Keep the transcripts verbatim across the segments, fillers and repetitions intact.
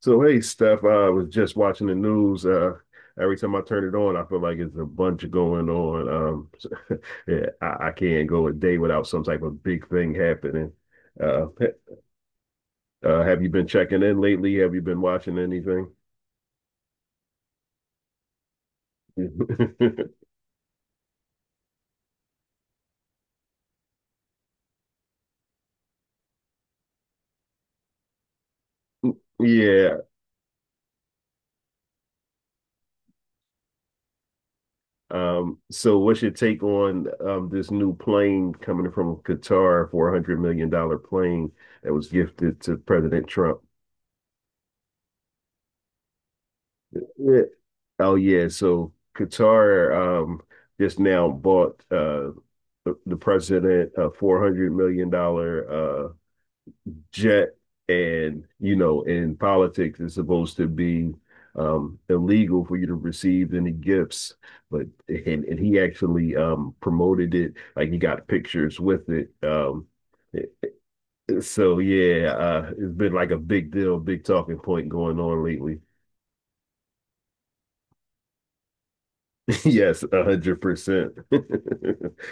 So hey, Steph, I was just watching the news. Uh, every time I turn it on, I feel like it's a bunch going on. Um, yeah, I, I can't go a day without some type of big thing happening. Uh, uh, have you been checking in lately? Have you been watching anything? Yeah. Um, so what's your take on um, this new plane coming from Qatar, four hundred million dollars dollar plane that was gifted to President Trump? Yeah. Oh yeah, so Qatar um just now bought uh the, the president a four hundred million dollar uh jet. And you know, in politics it's supposed to be um illegal for you to receive any gifts, but and, and he actually um promoted it, like he got pictures with it. Um so yeah, uh it's been like a big deal, big talking point going on lately. Yes, a hundred percent.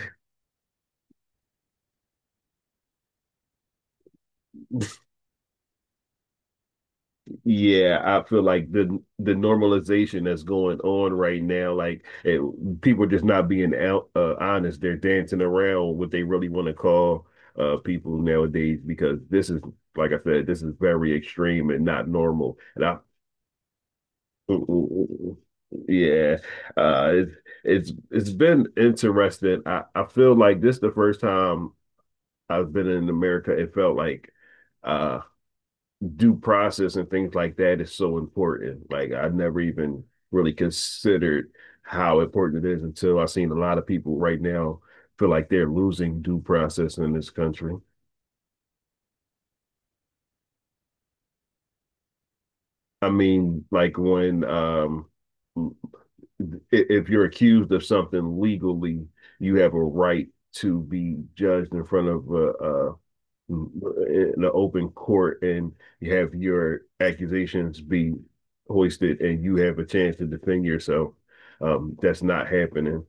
Yeah, I feel like the the normalization that's going on right now, like it, people are just not being out, uh, honest. They're dancing around what they really want to call uh, people nowadays, because this is, like I said, this is very extreme and not normal. And I, mm, mm, mm, mm. mm. Yeah, uh, it's it's it's been interesting. I I feel like this the first time I've been in America. It felt like. Uh, Due process and things like that is so important. Like I've never even really considered how important it is until I've seen a lot of people right now feel like they're losing due process in this country. I mean, like when um if you're accused of something legally, you have a right to be judged in front of a, a in the open court, and you have your accusations be hoisted and you have a chance to defend yourself. Um, that's not happening.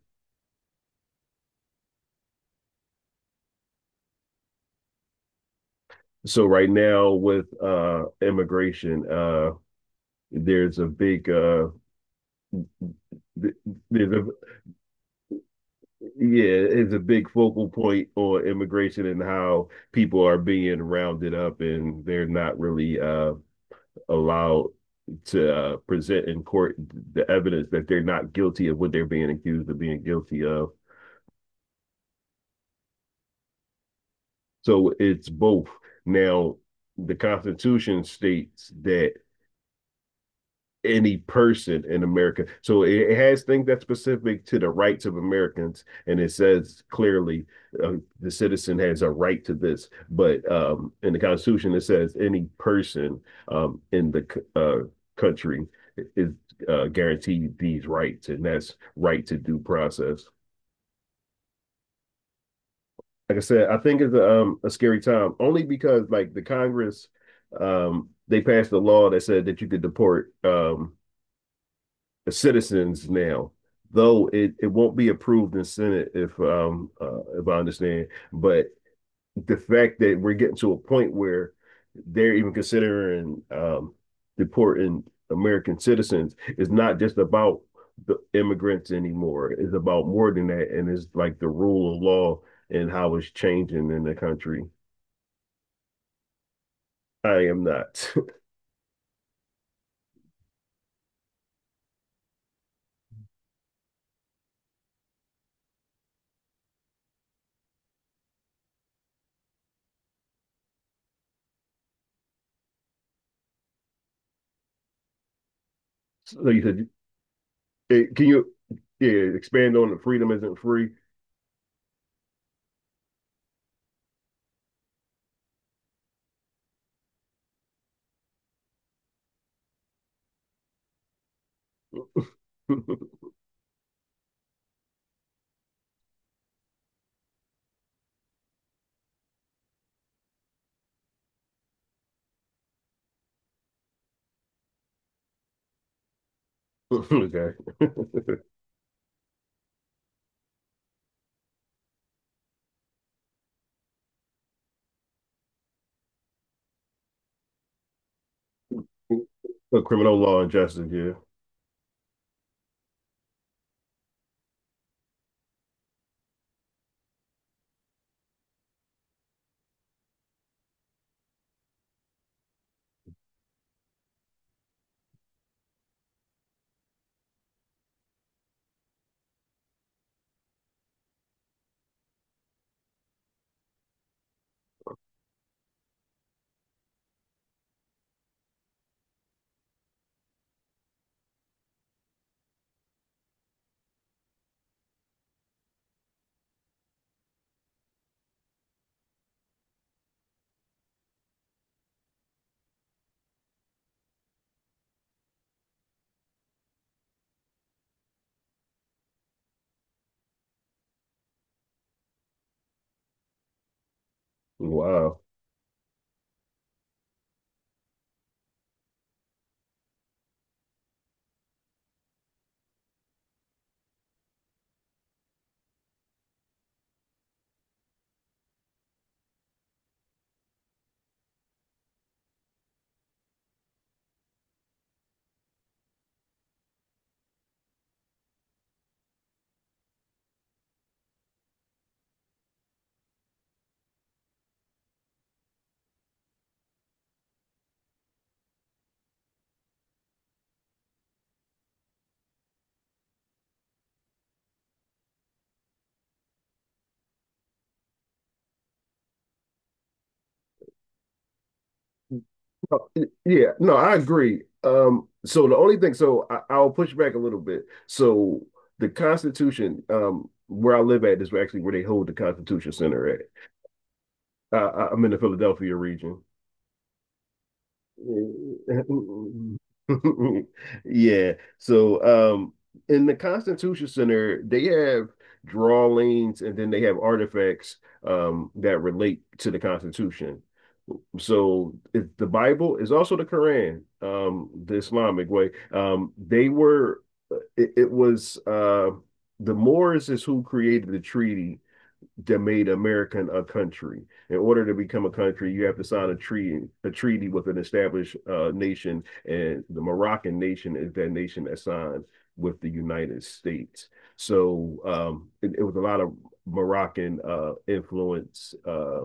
So right now with uh, immigration, uh, there's a big uh, there's a yeah, it's a big focal point on immigration and how people are being rounded up, and they're not really uh, allowed to uh, present in court the evidence that they're not guilty of what they're being accused of being guilty of. So it's both. Now, the Constitution states that any person in America. So it, has things that's specific to the rights of Americans, and it says clearly uh, the citizen has a right to this. But um, in the Constitution, it says any person um, in the uh, country is uh, guaranteed these rights, and that's right to due process. Like I said, I think it's a, um, a scary time, only because like the Congress, um, they passed a law that said that you could deport um, citizens now, though it, it won't be approved in Senate, if um uh, if I understand. But the fact that we're getting to a point where they're even considering um deporting American citizens is not just about the immigrants anymore. It's about more than that, and it's like the rule of law and how it's changing in the country. I am not. so you said, eh, can you Yeah, expand on the freedom isn't free? Okay. The criminal law and justice, yeah. Wow. Oh, yeah, no, I agree. Um, so the only thing, so I, I'll push back a little bit. So the Constitution, um, where I live at is actually where they hold the Constitution Center at. I, I- I'm in the Philadelphia region. Yeah. Yeah. So, um, in the Constitution Center, they have drawings, and then they have artifacts, um, that relate to the Constitution. So, it, the Bible is also the Quran, um, the Islamic way. Um, they were, it, it was, uh, The Moors is who created the treaty that made American a country. In order to become a country, you have to sign a treaty, a treaty with an established uh, nation, and the Moroccan nation is that nation that signed with the United States. So um, it, it was a lot of Moroccan uh, influence uh,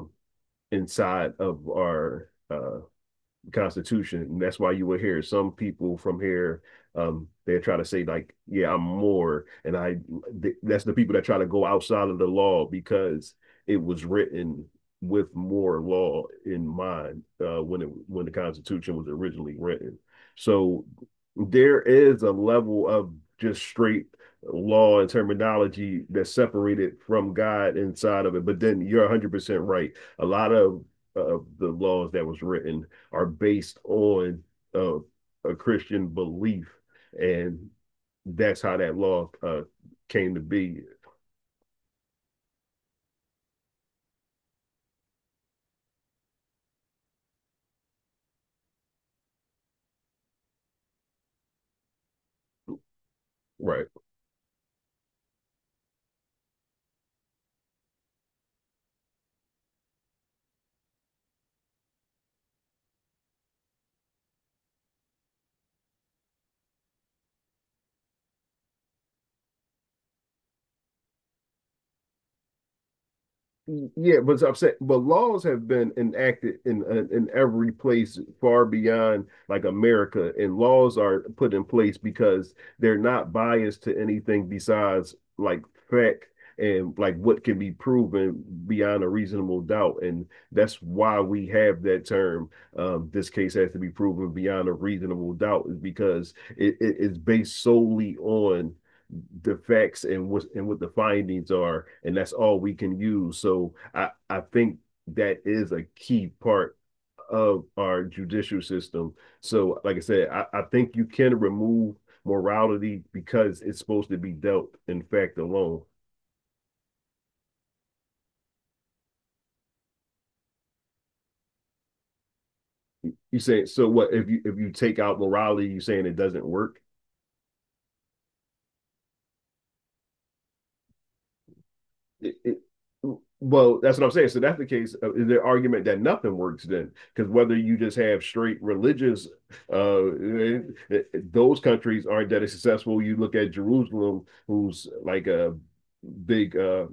inside of our uh, Constitution. And that's why you will hear some people from here. Um, they try to say like, "Yeah, I'm more," and I. Th- that's the people that try to go outside of the law, because it was written with more law in mind uh, when it when the Constitution was originally written. So there is a level of just straight law and terminology that's separated from God inside of it. But then you're one hundred percent right. A lot of of the laws that was written are based on uh, a Christian belief, and that's how that law uh, came to be. Right. Yeah, but I'm saying, but laws have been enacted in uh, in every place far beyond like America, and laws are put in place because they're not biased to anything besides like fact and like what can be proven beyond a reasonable doubt, and that's why we have that term. Um, this case has to be proven beyond a reasonable doubt is because it, it- it's based solely on the facts and what and what the findings are, and that's all we can use. So I I think that is a key part of our judicial system. So like I said, I, I think you can remove morality because it's supposed to be dealt in fact alone. You say so what if you if you take out morality, you saying it doesn't work? it, it, well, that's what I'm saying. So that's the case. Uh, the argument that nothing works then, because whether you just have straight religious, uh, it- it- those countries aren't that successful. You look at Jerusalem, who's like a big uh,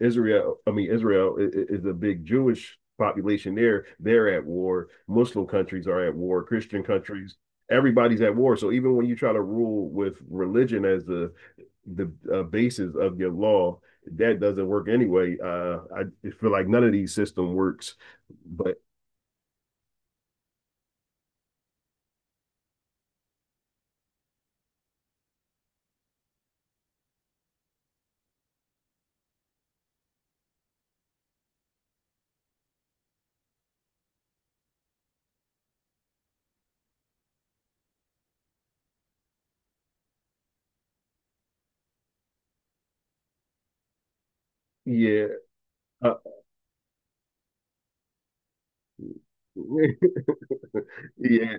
Israel. I mean, Israel i- is a big Jewish population there. They're at war. Muslim countries are at war. Christian countries, everybody's at war. So even when you try to rule with religion as the the uh, basis of your law, that doesn't work anyway. Uh, I feel like none of these system works, but yeah, uh, yeah,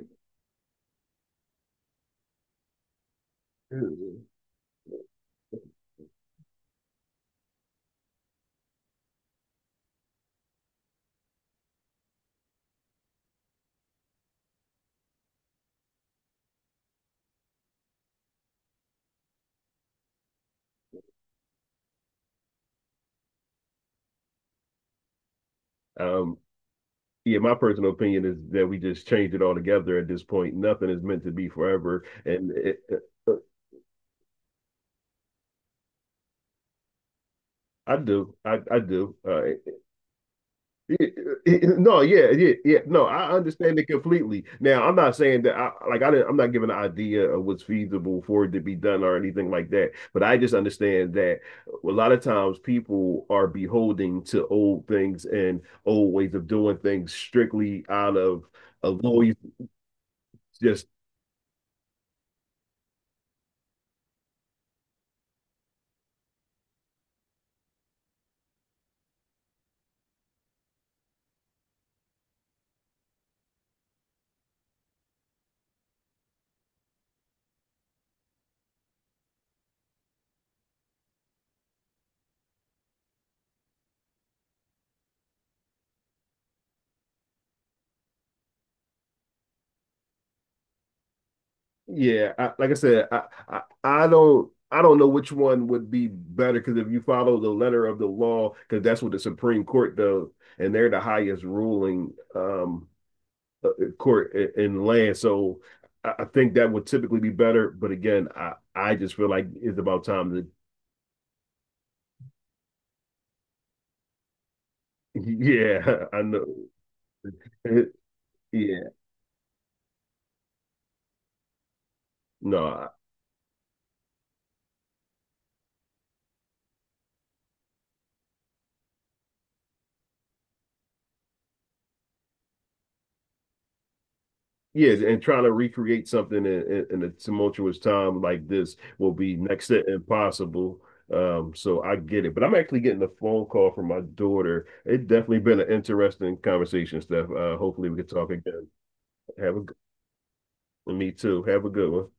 um, yeah, my personal opinion is that we just changed it all together at this point. Nothing is meant to be forever, and it, uh, I do, I, I do. Uh, Yeah, no, yeah, yeah, yeah. No, I understand it completely. Now, I'm not saying that I like I didn't, I'm not giving an idea of what's feasible for it to be done or anything like that. But I just understand that a lot of times people are beholding to old things and old ways of doing things strictly out of a lawyer's just. Yeah, I, like I said, I, I I don't I don't know which one would be better, because if you follow the letter of the law, because that's what the Supreme Court does, and they're the highest ruling um court in, in land, so I, I think that would typically be better. But again, I I just feel like it's about time to yeah, I know. Yeah, no, yeah, and trying to recreate something in, in, in a tumultuous time like this will be next to impossible. Um, so I get it, but I'm actually getting a phone call from my daughter. It's definitely been an interesting conversation, Steph. Uh, hopefully we can talk again. Have a good, me too. Have a good one.